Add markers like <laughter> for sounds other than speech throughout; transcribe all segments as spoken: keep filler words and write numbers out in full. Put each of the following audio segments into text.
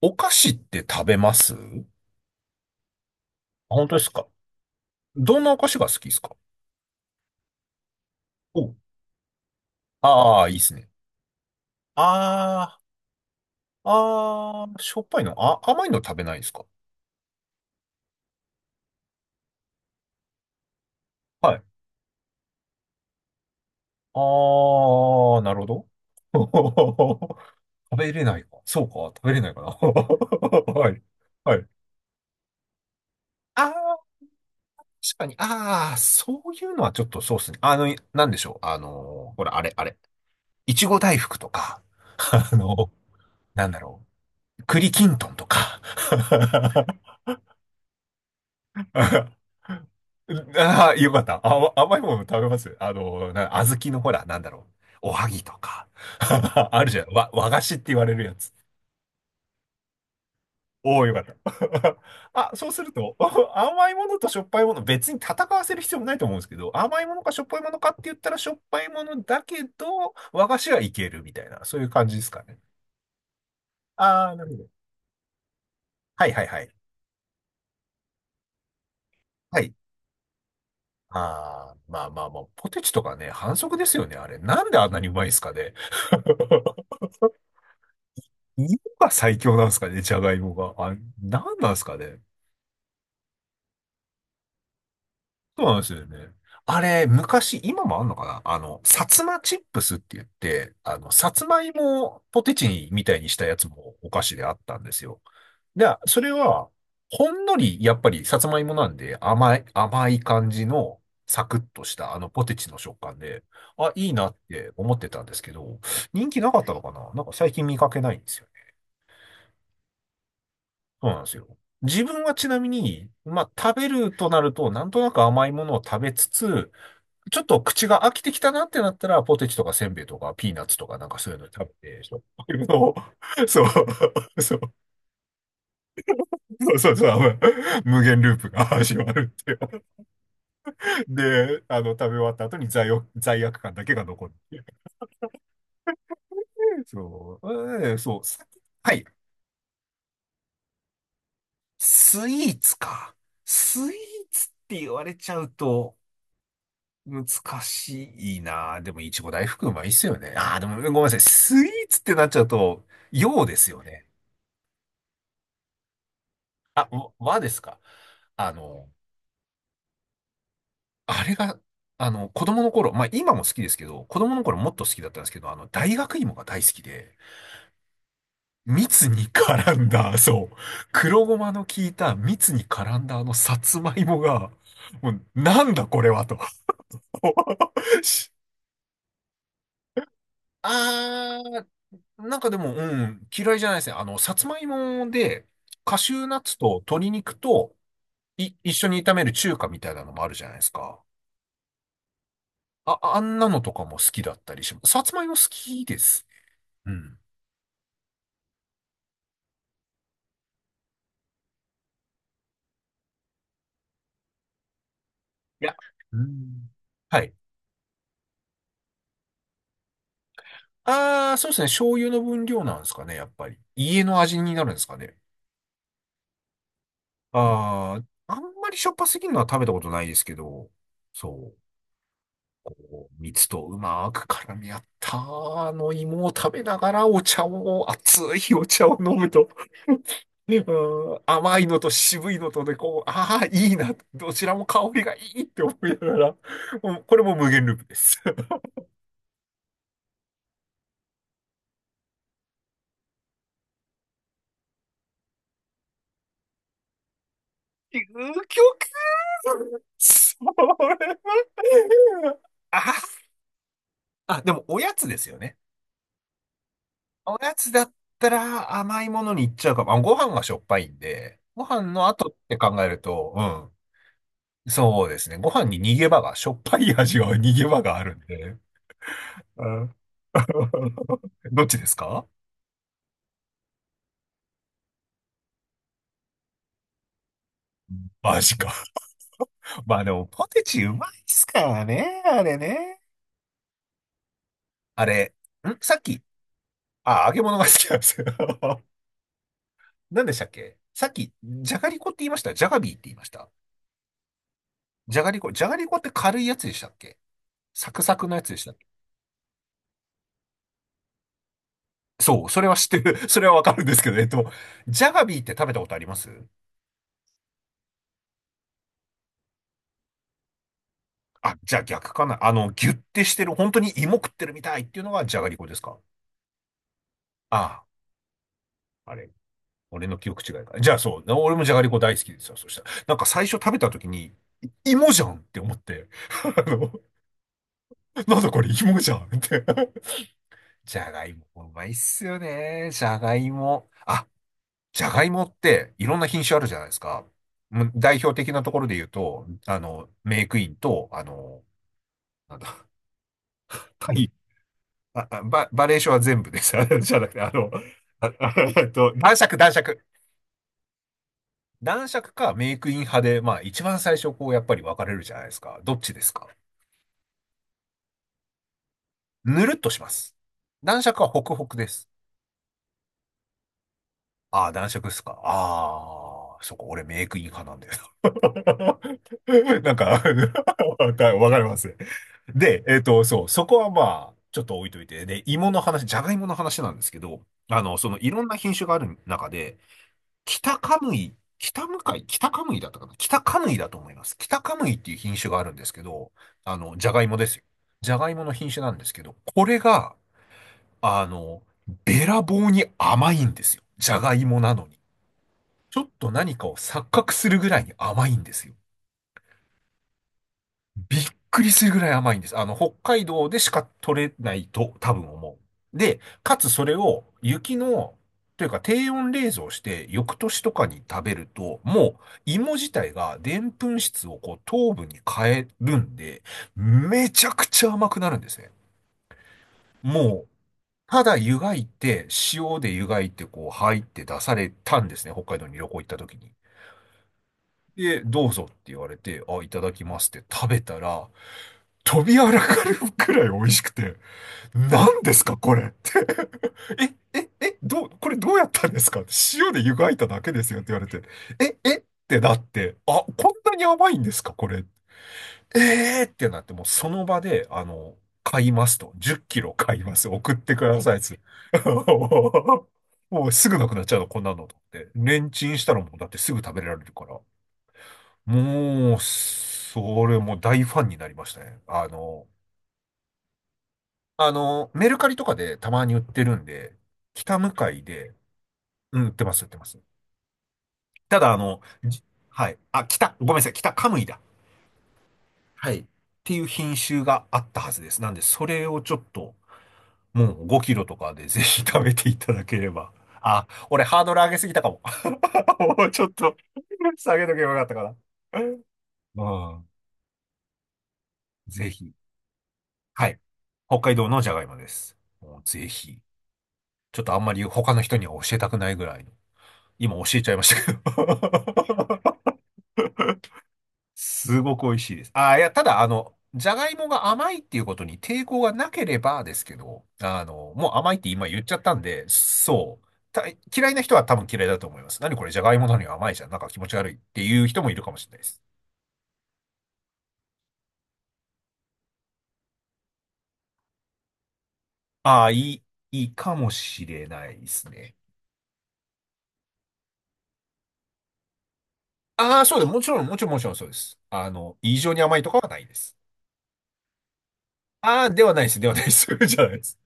お菓子って食べます？あ本当ですか？どんなお菓子が好きですか？お、ああ、いいですね。あー、ああ、しょっぱいの、あ、甘いの食べないですか？はい。あー、なるほど。<laughs> 食べれないか。そうか、食べれないかな。<laughs> はい。はい。ああ、確かに。ああ、そういうのはちょっとそうですね。あの、なんでしょう。あのほら、あれ、あれ。いちご大福とか、<laughs> あの、なんだろう。栗きんとんとか。<laughs> <laughs> ああー、よかった。あ、甘いもの食べます？あの、な、小豆のほら、なんだろう。おはぎとか。<laughs> あるじゃん。わ、和菓子って言われるやつ。おお、よかった。<laughs> あ、そうすると、<laughs> 甘いものとしょっぱいもの、別に戦わせる必要もないと思うんですけど、甘いものかしょっぱいものかって言ったらしょっぱいものだけど、和菓子はいけるみたいな、そういう感じですかね？ああ、なるほど。はいはいはい。はい。ああ、まあまあまあ、ポテチとかね、反則ですよね、あれ。なんであんなにうまいんすかね？<laughs> 芋が最強なんですかね、じゃがいもが。あ、なんなんですかね？そうなんですよね。あれ、昔、今もあんのかな、あの、薩摩チップスって言って、あの、さつまいもをポテチにみたいにしたやつもお菓子であったんですよ。で、それは、ほんのり、やっぱりさつまいもなんで甘い、甘い感じのサクッとしたあのポテチの食感で、あ、いいなって思ってたんですけど、人気なかったのかな、なんか最近見かけないんですよ。そうなんですよ。自分はちなみに、まあ、食べるとなると、なんとなく甘いものを食べつつ、ちょっと口が飽きてきたなってなったら、ポテチとかせんべいとかピーナッツとかなんかそういうの食べて、しょっぱいも <laughs> のを、そう、<laughs> そう、そう、そう、そう、無限ループが <laughs> 始まるっていう。で、あの、食べ終わった後に罪悪、罪悪感だけが残るっていう。そう、えーそう、さはい。スイーツか。スイーツって言われちゃうと、難しいな。でも、いちご大福うまいっすよね。ああ、でも、ごめんなさい。スイーツってなっちゃうと、洋ですよね。あ、わ和ですか？あの、あれが、あの、子供の頃、まあ、今も好きですけど、子供の頃もっと好きだったんですけど、あの、大学芋が大好きで、蜜に絡んだ、そう、黒ごまの効いた蜜に絡んだあのさつまいもが、もう、なんだこれはと。<laughs> しあーなんかでも、うん、嫌いじゃないですね。あの、さつまいもで、カシューナッツと鶏肉と、い、一緒に炒める中華みたいなのもあるじゃないですか。あ、あんなのとかも好きだったりします。さつまいも好きです。うん。いや、うん。はい。ああ、そうですね。醤油の分量なんですかね、やっぱり。家の味になるんですかね？ああ、あんまりしょっぱすぎるのは食べたことないですけど、そう。こう蜜とうまく絡み合ったあの芋を食べながらお茶を、熱いお茶を飲むと、<laughs> うん、甘いのと渋いのとで、こう、ああ、いいな、どちらも香りがいいって思いながら、もうこれも無限ループです。<laughs> 究極、それは、あ、あ、でもおやつですよね？おやつだったら甘いものに行っちゃうかも。あご飯がしょっぱいんで、ご飯の後って考えると、うん。そうですね。ご飯に逃げ場が、しょっぱい味は逃げ場があるんで。うん <laughs>。どっちですか？マジか。まあでも、ポテチうまいっすからね、あれね。あれ、んさっき、あ、揚げ物が好きなんですよ。<laughs> 何でしたっけ、さっき、じゃがりこって言いました？じゃがビーって言いました？じゃがりこ、じゃがりこって軽いやつでしたっけ？サクサクのやつでしたっけ？そう、それは知ってる。<laughs> それはわかるんですけど、えっと、じゃがビーって食べたことあります？あ、じゃあ逆かな。あの、ギュッてしてる、本当に芋食ってるみたいっていうのがじゃがりこですか？ああ、あれ。俺の記憶違いか。じゃあそう。俺もじゃがりこ大好きですよ。そしたら。なんか最初食べた時に、い芋じゃんって思って。<laughs> あの、なんだこれ芋じゃんって。<laughs> じゃがいも、うまいっすよね。じゃがいも。あ、じゃがいもっていろんな品種あるじゃないですか。もう代表的なところで言うと、あの、メイクインと、あの、なんだ、太あ、あバ、バリエーションは全部です。<laughs> あのじゃなくて、あの、あ、<laughs> あえっと、男爵、男爵。男爵かメイクイン派で、まあ一番最初こうやっぱり分かれるじゃないですか。どっちですか？ぬるっとします。男爵はホクホクです。ああ、男爵ですか？ああ、そこ俺メイクイン派なんだよ。<laughs> なんか <laughs> わかわ <laughs> かりますね。で、えっと、そう、そこはまあ、ちょっと置いといて。で、芋の話、じゃがいもの話なんですけど、あの、そのいろんな品種がある中で、北カムイ、北向かい、北カムイだったかな、北カムイだと思います。北カムイっていう品種があるんですけど、あの、ジャガイモですよ。ジャガイモの品種なんですけど、これが、あの、べらぼうに甘いんですよ。ジャガイモなのに。ちょっと何かを錯覚するぐらいに甘いんですよ。びっくりするぐらい甘いんです。あの、北海道でしか取れないと多分思う。で、かつそれを雪の、というか低温冷蔵して翌年とかに食べると、もう芋自体がでんぷん質をこう糖分に変えるんで、めちゃくちゃ甘くなるんですね。もう、ただ湯がいて、塩で湯がいてこう入って出されたんですね。北海道に旅行行った時に。で、どうぞって言われて、あ、いただきますって食べたら、飛びあらかるくらい美味しくて、何ですかこれって <laughs>。え、え、え、どう、これどうやったんですか？塩で湯がいただけですよって言われて、え、えってなって、あ、こんなに甘いんですかこれ。えーってなって、もうその場で、あの、買いますと。じゅっきろ買います。送ってくださいっつって。<laughs> もうすぐなくなっちゃうの、こんなのと思って。レンチンしたらもうだってすぐ食べられるから。もう、それもう大ファンになりましたね。あの、あの、メルカリとかでたまに売ってるんで、北向かいで、うん、売ってます、売ってます。ただ、あの、じはい。あ、北、ごめんなさい、北カムイだ。っはい。っていう品種があったはずです。なんで、それをちょっと、もうごキロとかでぜひ食べていただければ。あ、俺ハードル上げすぎたかも。<laughs> もうちょっと下げとけばよかったかな。うん。ぜひ。はい。北海道のじゃがいもです。もうぜひ。ちょっとあんまり他の人には教えたくないぐらいの。今教えちゃいましたけど。 <laughs> すごく美味しいです。あー、いや、ただ、あの、じゃがいもが甘いっていうことに抵抗がなければですけど、あの、もう甘いって今言っちゃったんで、そう。た嫌いな人は多分嫌いだと思います。何これ、じゃがいもなのに甘いじゃん。なんか気持ち悪いっていう人もいるかもしれないです。ああ、いい、いいかもしれないですね。ああ、そうです。もちろん、もちろん、もちろんそうです。あの、異常に甘いとかはないです。ああ、ではないです。ではないです。<laughs> じゃないです。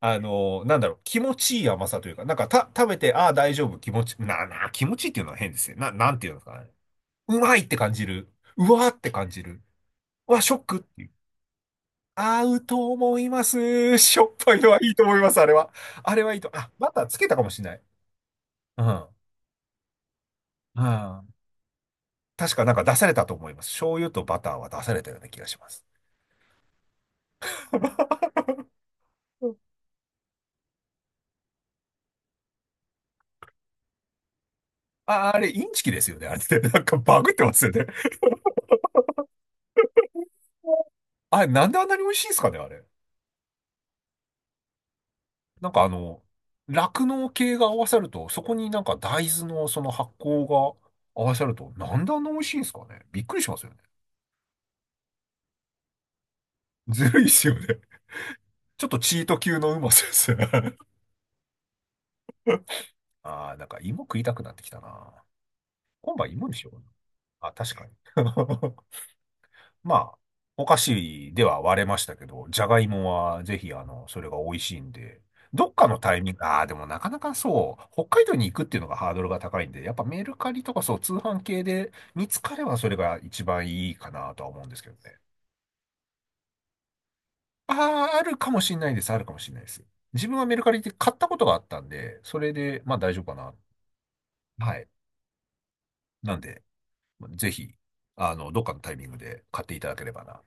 あの、なんだろう、気持ちいい甘さというか、なんかた、食べて、ああ、大丈夫、気持ち、な、な、気持ちいいっていうのは変ですね。な、なんていうのかな。うまいって感じる。うわーって感じる。うわ、ショックっていう。合うと思います。しょっぱいのはいいと思います、あれは。あれはいいと。あ、バターつけたかもしれない。うん。うん。確かなんか出されたと思います。醤油とバターは出されたような気がします。<laughs> あ、あれ、インチキですよね、あれって。なんかバグってますよね。あれ、なんであんなに美味しいんですかね、あれ。なんかあの、酪農系が合わさると、そこになんか大豆のその発酵が合わさると、なんであんな美味しいんですかね。びっくりしますよね。ずるいっすよね。<laughs> ちょっとチート級のうまさです。<laughs> ああ、なんか芋食いたくなってきたな。今晩芋にしよう。あ、確かに。<laughs> まあ、お菓子では割れましたけど、じゃがいもはぜひ、あの、それが美味しいんで、どっかのタイミング、ああ、でもなかなかそう、北海道に行くっていうのがハードルが高いんで、やっぱメルカリとかそう、通販系で見つかればそれが一番いいかなとは思うんですけどね。ああ、あるかもしれないです、あるかもしれないです。自分はメルカリで買ったことがあったんで、それで、まあ大丈夫かな。はい。なんで、ぜひ、あの、どっかのタイミングで買っていただければな。